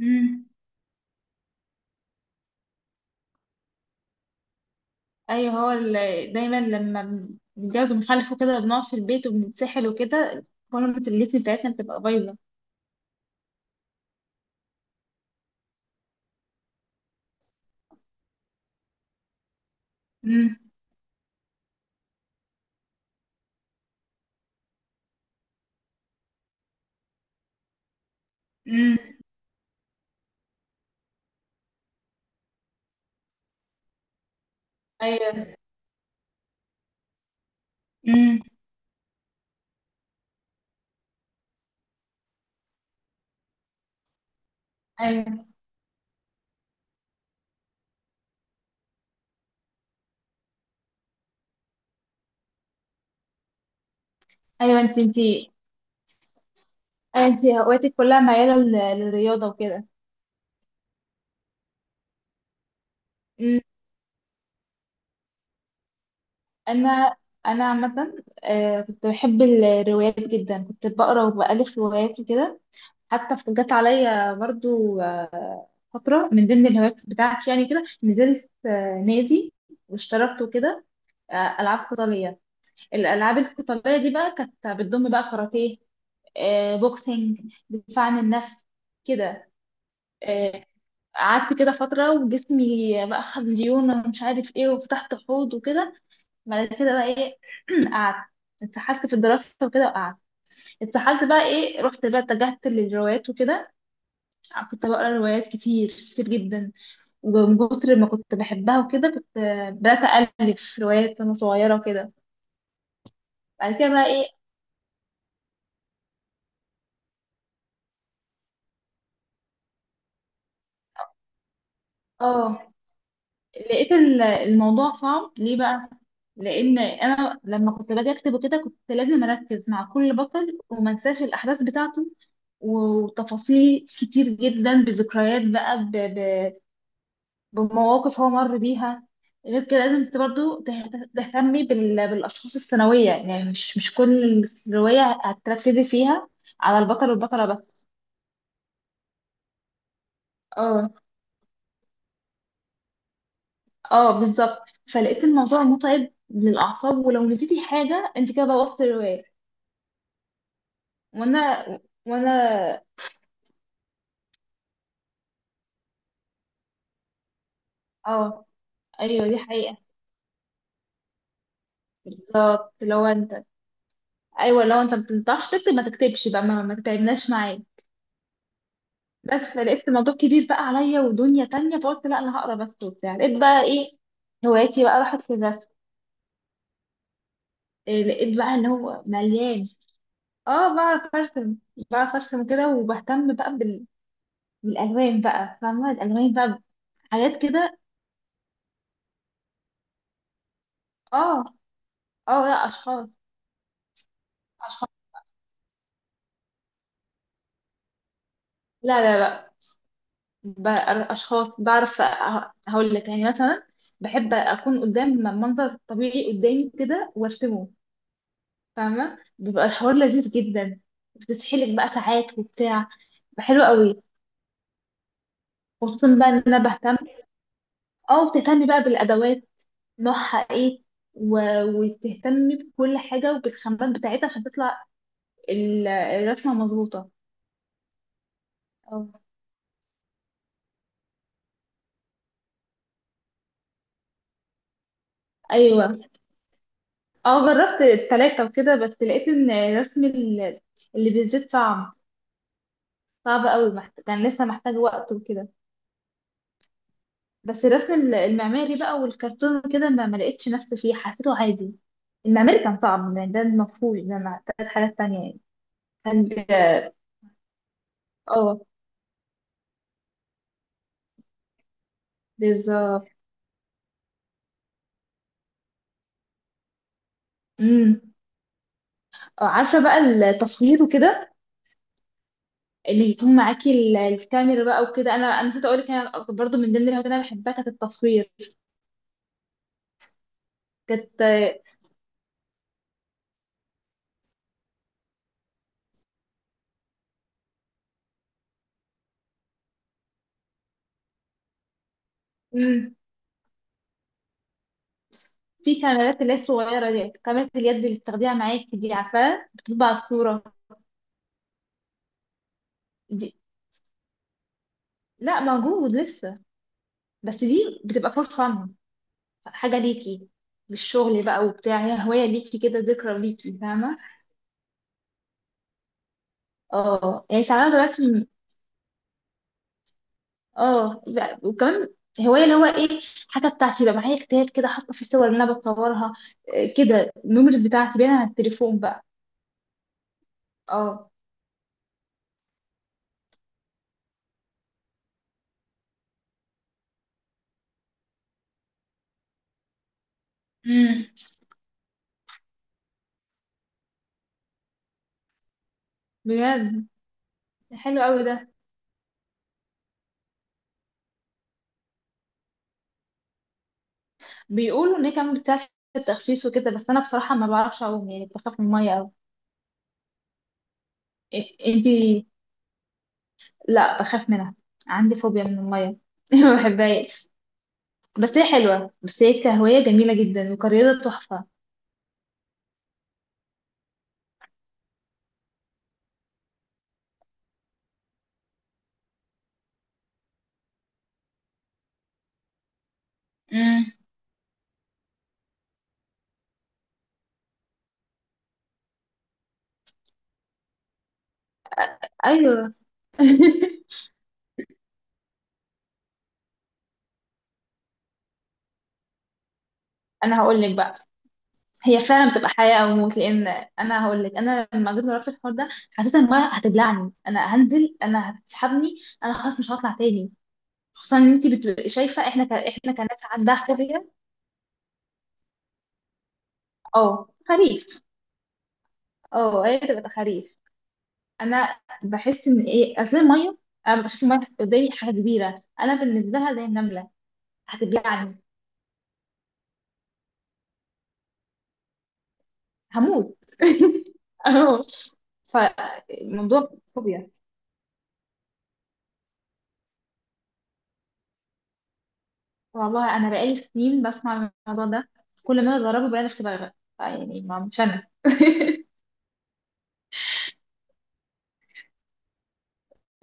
امم. ايوه، هو دايما لما بنتجوز وبنخلف وكده بنقعد في البيت وبنتسحل وكده، فورمة الجسم بتاعتنا بتبقى بايظة. امم. امم. ايوه. امم. ايوه. ايوه، انت أيوة. انت هواياتك كلها معيلة للرياضة وكده. امم. انا انا عامة، كنت بحب الروايات جدا، كنت بقرا وبألف روايات وكده. حتى جت عليا برضو فترة من ضمن الهوايات بتاعتي، يعني كده نزلت نادي واشتركت وكده. آه، العاب قتاليه. الالعاب القتاليه دي بقى كانت بتضم بقى كاراتيه، بوكسينج، دفاع عن النفس، كده. آه، قعدت كده فتره وجسمي بقى خد ليونه ومش عارف ايه، وفتحت حوض وكده. بعد كده بقى ايه؟ قعدت اتسحلت في الدراسه وكده، وقعدت اتسحلت بقى ايه، رحت بقى اتجهت للروايات وكده. كنت بقرا روايات كتير كتير جدا، ومن كتر ما كنت بحبها وكده كنت بدات الف روايات وانا صغيره وكده. بعد كده بقى ايه؟ اه، لقيت الموضوع صعب ليه بقى؟ لان انا لما كنت باجي اكتب وكده كنت لازم اركز مع كل بطل وما انساش الاحداث بتاعته، وتفاصيل كتير جدا بذكريات بقى، بمواقف هو مر بيها. غير كده لازم انت برضو تهتمي بالاشخاص الثانويه، يعني مش كل الروايه هتركزي فيها على البطل والبطله بس. اه، اه، بالظبط. فلقيت الموضوع متعب للاعصاب، ولو نسيتي حاجه انت كده بوظتي الروايه. وانا وانا، اه، ايوه دي حقيقة، بالظبط. لو انت ايوه، لو انت ما بتعرفش تكتب ما تكتبش بقى، ما تتعبناش معايا. بس لقيت الموضوع كبير بقى عليا ودنيا تانية، فقلت لا، انا هقرا بس وبتاع. لقيت بقى ايه، هواياتي بقى راحت في الرسم. إيه، لقيت بقى اللي هو مليان. اه، بعرف ارسم، بعرف ارسم كده، وبهتم بقى بالالوان بقى، فاهمة الالوان بقى، حاجات كده. اه، اه، لا، اشخاص، اشخاص. لا، لا، لا، اشخاص بعرف، هقول لك يعني، مثلا بحب اكون قدام منظر طبيعي قدامي كده وارسمه. فاهمه، بيبقى الحوار لذيذ جدا، بتسحلك بقى ساعات وبتاع، بيبقى حلو قوي. خصوصا بقى ان انا بهتم او بتهتمي بقى بالادوات، نوعها ايه، و... وتهتمي بكل حاجه وبالخامات بتاعتها عشان تطلع الرسمه مظبوطه. أو. ايوه، اه، جربت التلاته وكده، بس لقيت ان رسم اللي بالزيت صعب، صعب قوي، كان لسه محتاج وقت وكده. بس الرسم المعماري بقى والكرتون وكده ما لقيتش نفسي فيه، حسيته عادي. المعماري كان صعب يعني، ده المفروض ده أنا محتاج حاجات تانية يعني، محتاج. اه، بالظبط. امم. عارفه بقى التصوير وكده، اللي يكون معاكي الكاميرا بقى وكده. انا نسيت اقول لك، انا برضو من ضمن الهوايات اللي انا بحبها كانت التصوير. كانت. امم في كاميرات اللي هي الصغيره دي، كاميرا اليد اللي بتاخديها معاكي دي، عارفاها بتطبع الصوره. دي، لا، موجود لسه، بس دي بتبقى فور فن، حاجة ليكي مش شغل بقى وبتاع، هي هواية ليكي كده، ذكرى ليكي، فاهمة. اه، يعني ساعات دلوقتي اه، لا، وكمان هواية اللي هو ايه، حاجة بتاعتي بقى. معايا كتاب كده حاطة فيه صور اللي انا بتصورها. إيه كده، الميموريز بتاعتي باينة على التليفون بقى. اه. امم. بجد؟ حلو قوي ده. بيقولوا ان هي كمان بتساعد في التخفيف وكده، بس انا بصراحة ما بعرفش اعوم، يعني بخاف من المية قوي. انتي، لا بخاف منها، عندي فوبيا من المية. ما بحبهاش. بس هي حلوة، بس هي كهواية جميلة جدا، وكرياضة تحفة. امم. ايوه. انا هقول لك بقى، هي فعلا بتبقى حياة او موت، لان انا هقول لك، انا لما جيت جربت الحوار ده حسيت ان المية هتبلعني، انا هنزل انا هتسحبني، انا خلاص مش هطلع تاني. خصوصا ان انت بتبقي شايفة، احنا كناس عندها فوبيا. اه، خريف. اه، هي بتبقى خريف. انا بحس ان ايه، اصل الميه، انا بشوف الميه قدامي حاجه كبيره، انا بالنسبه لها زي النمله، هتبلعني، هموت. اهو، فالموضوع فوبيا. والله انا بقالي سنين بسمع الموضوع ده، كل ما أنا اجربه بلاقي نفسي بغرق، يعني ما مش انا.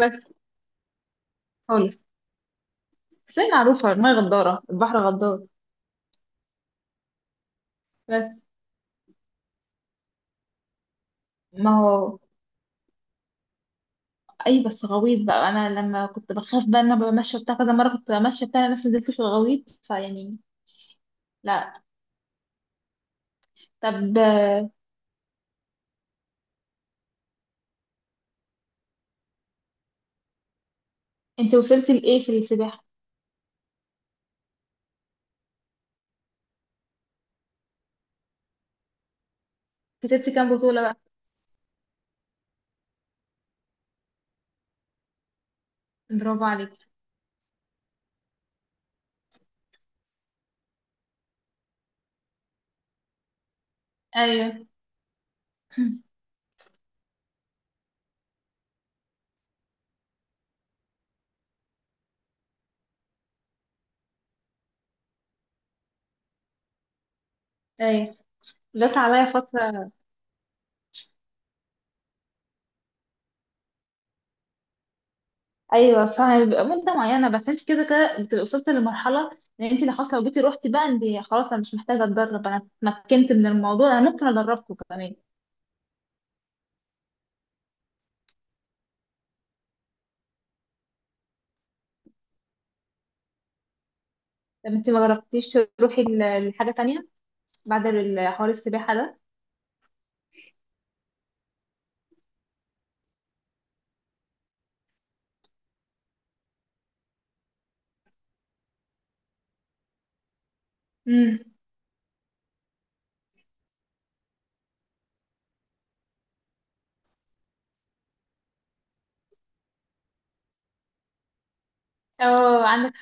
بس خالص. بس هي معروفه، الميه غداره، البحر غدار. بس. ما هو اي، بس غويط بقى، انا لما كنت بخاف بقى ان انا بمشي بتاع كذا مره، كنت بمشي بتاع، أنا نفسي نزلت في الغويط فيعني. لا. طب انت وصلتي لايه في السباحه؟ كسبت كام بطولة بقى؟ برافو عليك. ايوه. ايوه، جت عليا فتره. ايوه، فبيبقى مده معينه، بس انت كده كده بتبقي وصلتي لمرحله ان انت لو خلاص لو جيتي روحتي بقى، انت خلاص، انا مش محتاجه اتدرب، انا اتمكنت من الموضوع، انا ممكن ادربكم كمان. طب انت ما جربتيش تروحي لحاجه تانية بعد حوار السباحه ده؟ امم. اه، عندك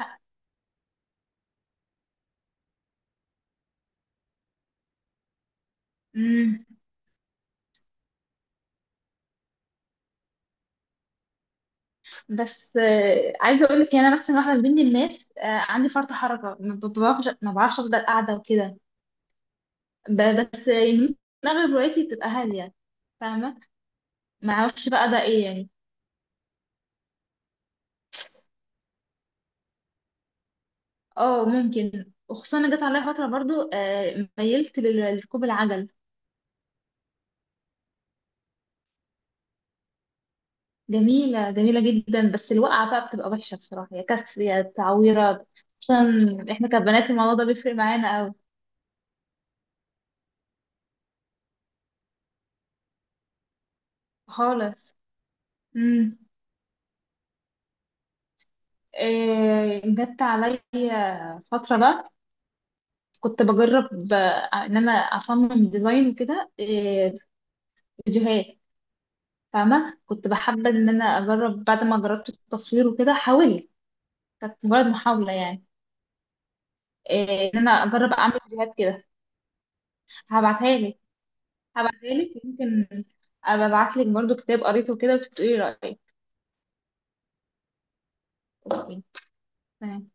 حق. بس عايزه اقول لك، انا بس واحده من ضمن الناس، عندي فرط حركه، ما بعرفش، ما بعرفش افضل قاعده وكده. بس يعني ممكن، اغلب روايتي بتبقى هاديه، فاهمه. ما اعرفش بقى ده ايه يعني. اه ممكن، وخصوصا انا جت عليا فتره برضو، ميلت لركوب العجل. جميله، جميله جدا، بس الوقعه بقى بتبقى وحشه بصراحه، يا كسر يا تعويره. خصوصا احنا كبنات، الموضوع ده بيفرق معانا قوي خالص. امم. إيه، جت عليا فتره بقى كنت بجرب ان انا اصمم ديزاين وكده، فيديوهات. فاهمه، كنت بحب ان انا اجرب بعد ما جربت التصوير وكده، حاولت. كانت مجرد محاوله يعني، ان انا اجرب اعمل فيديوهات كده. هبعتها لك. هبعتها لك يمكن. ابعت لك برضو كتاب قريته كده، وتقولي رايك. أوكي، تمام.